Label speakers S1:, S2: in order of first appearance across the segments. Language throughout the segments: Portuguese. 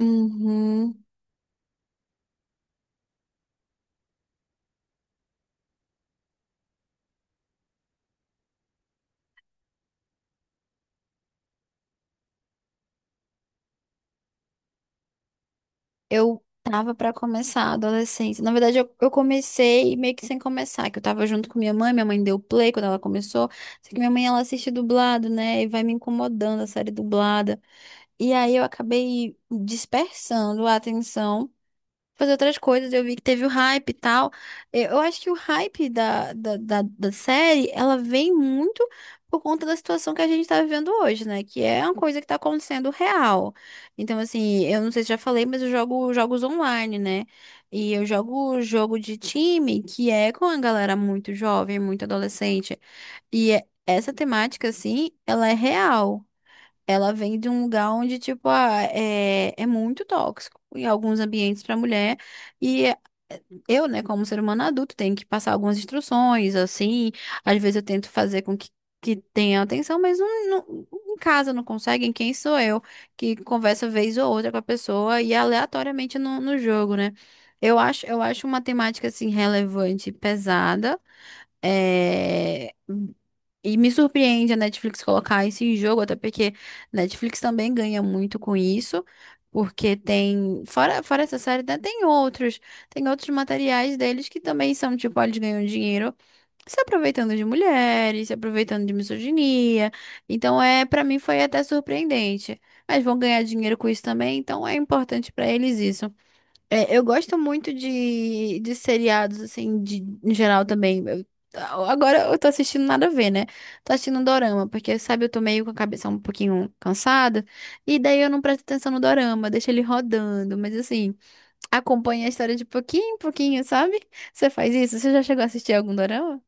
S1: Uhum. Eu tava pra começar a adolescência. Na verdade, eu comecei meio que sem começar, que eu tava junto com minha mãe. Minha mãe deu play quando ela começou. Só que minha mãe, ela assiste dublado, né? E vai me incomodando a série dublada. E aí eu acabei dispersando a atenção. Fazer outras coisas. Eu vi que teve o hype e tal. Eu acho que o hype da série, ela vem muito por conta da situação que a gente tá vivendo hoje, né? Que é uma coisa que tá acontecendo real. Então, assim, eu não sei se já falei, mas eu jogo jogos online, né? E eu jogo jogo de time, que é com a galera muito jovem, muito adolescente. E essa temática, assim, ela é real. Ela vem de um lugar onde, tipo, ah, é muito tóxico em alguns ambientes para mulher. E eu, né, como ser humano adulto, tenho que passar algumas instruções, assim. Às vezes eu tento fazer com que tenha atenção, mas não em casa não conseguem. Quem sou eu que conversa vez ou outra com a pessoa e aleatoriamente no jogo, né? Eu acho uma temática, assim, relevante e pesada. É, E me surpreende a Netflix colocar isso em jogo, até porque Netflix também ganha muito com isso, porque tem, fora essa série, né, tem outros materiais deles que também são, tipo, ó, eles ganham dinheiro se aproveitando de mulheres, se aproveitando de misoginia. Então, para mim foi até surpreendente. Mas vão ganhar dinheiro com isso também, então é importante para eles isso. É, eu gosto muito de seriados, assim, de, em geral também. Agora eu tô assistindo nada a ver, né? Tô assistindo um dorama, porque, sabe, eu tô meio com a cabeça um pouquinho cansada, e daí eu não presto atenção no dorama, deixo ele rodando, mas assim, acompanha a história de pouquinho em pouquinho, sabe? Você faz isso? Você já chegou a assistir algum dorama?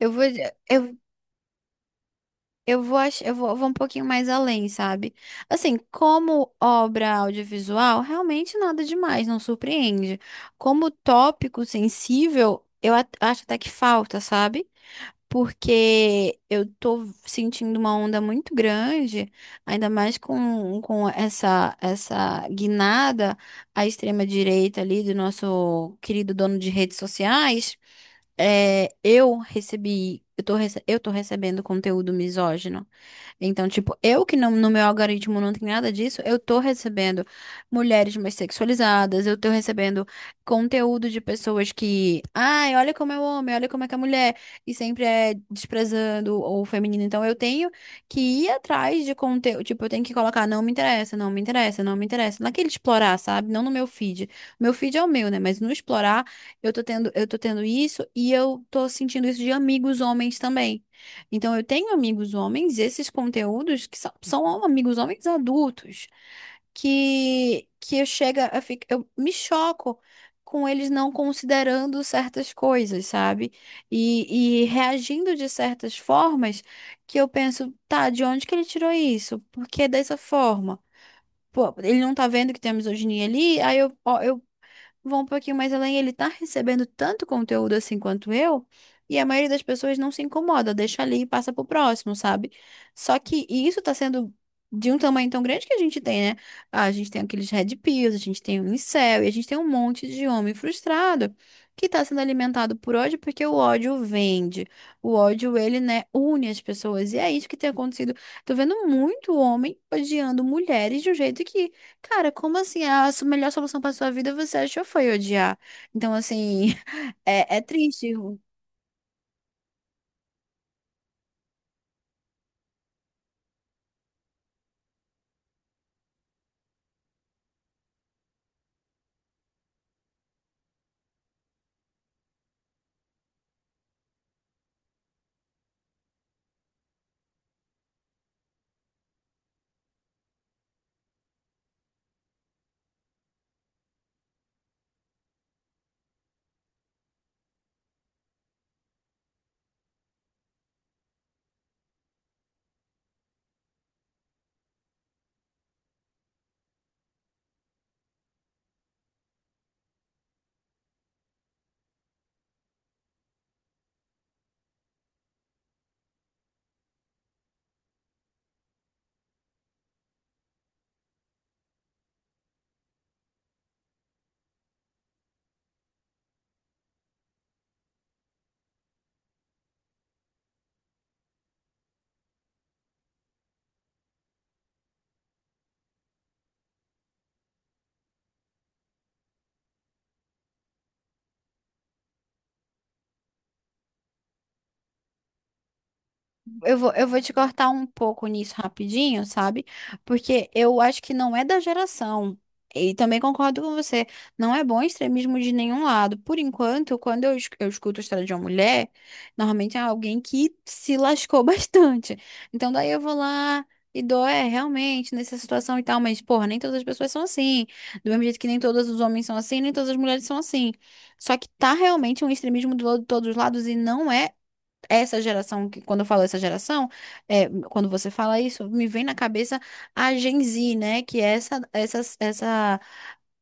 S1: Eu vou, eu, eu vou um pouquinho mais além, sabe? Assim, como obra audiovisual, realmente nada demais, não surpreende. Como tópico sensível, eu acho até que falta, sabe? Porque eu tô sentindo uma onda muito grande, ainda mais com, com essa guinada à extrema direita ali do nosso querido dono de redes sociais. Eu tô recebendo conteúdo misógino. Então, tipo, eu que não, no meu algoritmo não tem nada disso, eu tô recebendo mulheres mais sexualizadas, eu tô recebendo conteúdo de pessoas que, ai, olha como é o homem, olha como é que é a mulher, e sempre é desprezando o feminino. Então, eu tenho que ir atrás de conteúdo, tipo, eu tenho que colocar, não me interessa, não me interessa, não me interessa, naquele explorar, sabe? Não no meu feed. Meu feed é o meu, né? Mas no explorar, eu tô tendo isso e eu tô sentindo isso de amigos homens também. Então, eu tenho amigos homens, esses conteúdos que são amigos homens adultos, que eu chega a ficar, eu me choco com eles não considerando certas coisas, sabe? E reagindo de certas formas que eu penso, tá, de onde que ele tirou isso? Por que dessa forma? Pô, ele não tá vendo que tem a misoginia ali, vão um pouquinho mais além, ele tá recebendo tanto conteúdo assim quanto eu, e a maioria das pessoas não se incomoda, deixa ali e passa pro próximo, sabe? Só que e isso tá sendo de um tamanho tão grande que a gente tem, né? A gente tem aqueles red pills, a gente tem o incel, e a gente tem um monte de homem frustrado que tá sendo alimentado por ódio porque o ódio vende. O ódio, ele, né, une as pessoas. E é isso que tem acontecido. Tô vendo muito homem odiando mulheres de um jeito que cara, como assim? A melhor solução pra sua vida você achou foi odiar. Então, assim, é triste. Eu vou te cortar um pouco nisso rapidinho, sabe? Porque eu acho que não é da geração. E também concordo com você. Não é bom extremismo de nenhum lado. Por enquanto, quando eu escuto a história de uma mulher, normalmente é alguém que se lascou bastante. Então, daí eu vou lá e dou, realmente, nessa situação e tal. Mas, porra, nem todas as pessoas são assim. Do mesmo jeito que nem todos os homens são assim, nem todas as mulheres são assim. Só que tá realmente um extremismo do, lado de todos os lados e não é. Essa geração, quando eu falo essa geração, quando você fala isso, me vem na cabeça a Gen Z, né? Que é essa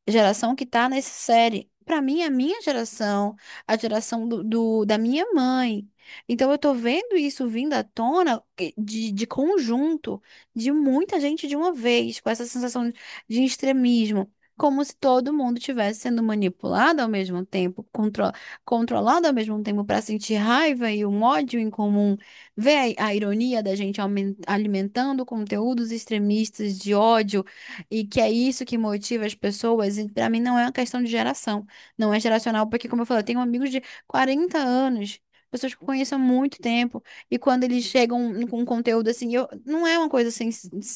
S1: geração que tá nessa série. Pra mim, é a minha geração, a geração da minha mãe. Então, eu tô vendo isso vindo à tona de, conjunto, de muita gente de uma vez, com essa sensação de extremismo. Como se todo mundo estivesse sendo manipulado ao mesmo tempo, controlado ao mesmo tempo para sentir raiva e um ódio em comum. Vê a ironia da gente alimentando conteúdos extremistas de ódio e que é isso que motiva as pessoas. E para mim não é uma questão de geração. Não é geracional, porque, como eu falei, eu tenho amigos de 40 anos. Pessoas que eu conheço há muito tempo, e quando eles chegam com um conteúdo assim, não é uma coisa assim,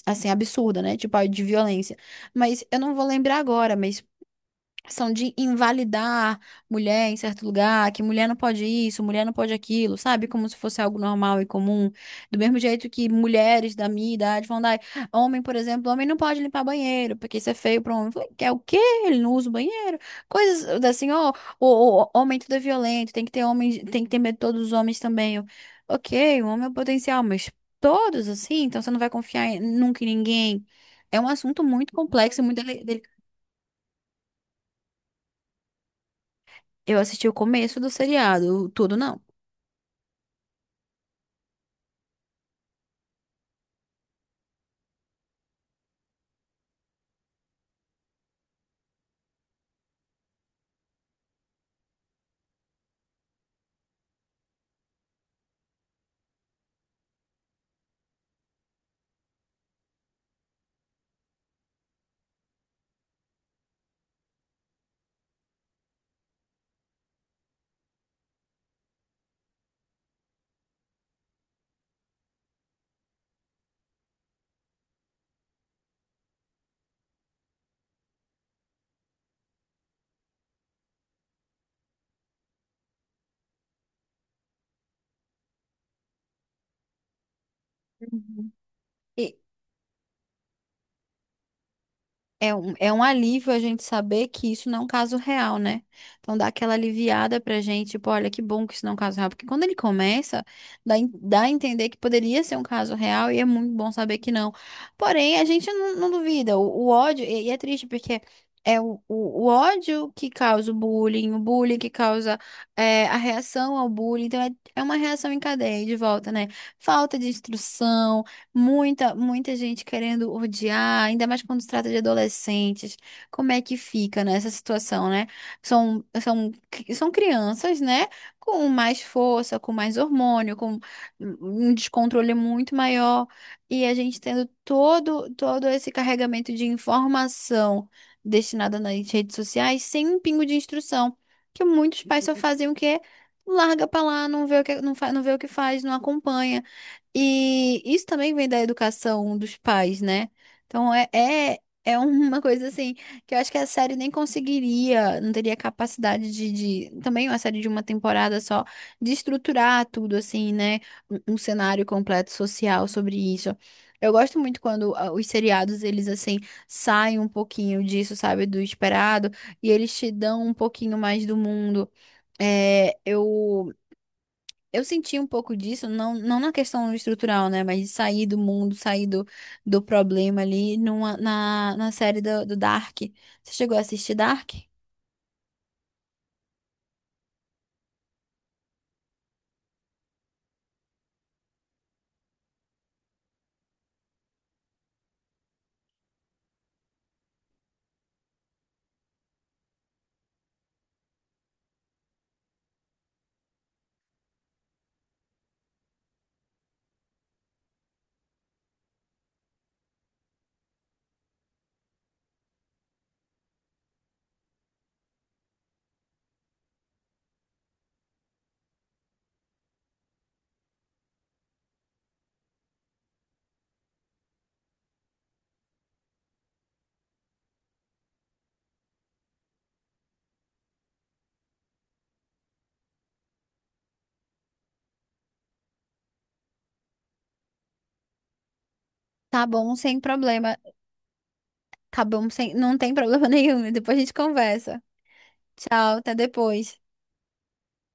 S1: assim absurda, né? Tipo, ah, de violência. Mas eu não vou lembrar agora, mas são de invalidar mulher em certo lugar, que mulher não pode isso, mulher não pode aquilo, sabe? Como se fosse algo normal e comum. Do mesmo jeito que mulheres da minha idade vão dar, homem, por exemplo, homem não pode limpar banheiro, porque isso é feio para homem. Eu falei, quer o quê? Ele não usa o banheiro. Coisas assim, ó, homem tudo é violento, tem que ter homem, tem que ter medo de todos os homens também. Eu, ok, o homem é o potencial, mas todos assim, então você não vai confiar nunca em ninguém. É um assunto muito complexo e muito dele-. Eu assisti o começo do seriado, tudo não. Uhum. E é um alívio a gente saber que isso não é um caso real, né? Então dá aquela aliviada pra gente, tipo, olha que bom que isso não é um caso real. Porque quando ele começa, dá a entender que poderia ser um caso real e é muito bom saber que não. Porém, a gente não duvida. O ódio, e é triste porque. É o ódio que causa o bullying que causa a reação ao bullying. Então, é uma reação em cadeia de volta, né? Falta de instrução. Muita, muita gente querendo odiar, ainda mais quando se trata de adolescentes. Como é que fica nessa situação, né? São, são, são crianças, né? Com mais força, com mais hormônio, com um descontrole muito maior. E a gente tendo todo esse carregamento de informação destinada nas redes sociais sem um pingo de instrução. Que muitos pais só fazem o quê? Larga pra lá, não vê o que faz, não acompanha. E isso também vem da educação dos pais, né? Então é uma coisa assim que eu acho que a série nem conseguiria, não teria capacidade também uma série de uma temporada só, de estruturar tudo assim, né? Um cenário completo social sobre isso. Eu gosto muito quando os seriados, eles assim, saem um pouquinho disso, sabe, do esperado, e eles te dão um pouquinho mais do mundo. É, eu senti um pouco disso, não na questão estrutural, né? Mas de sair do mundo, sair do problema ali na série do Dark. Você chegou a assistir Dark? Tá bom, sem problema. Tá bom, sem, não tem problema nenhum. Depois a gente conversa. Tchau, até depois.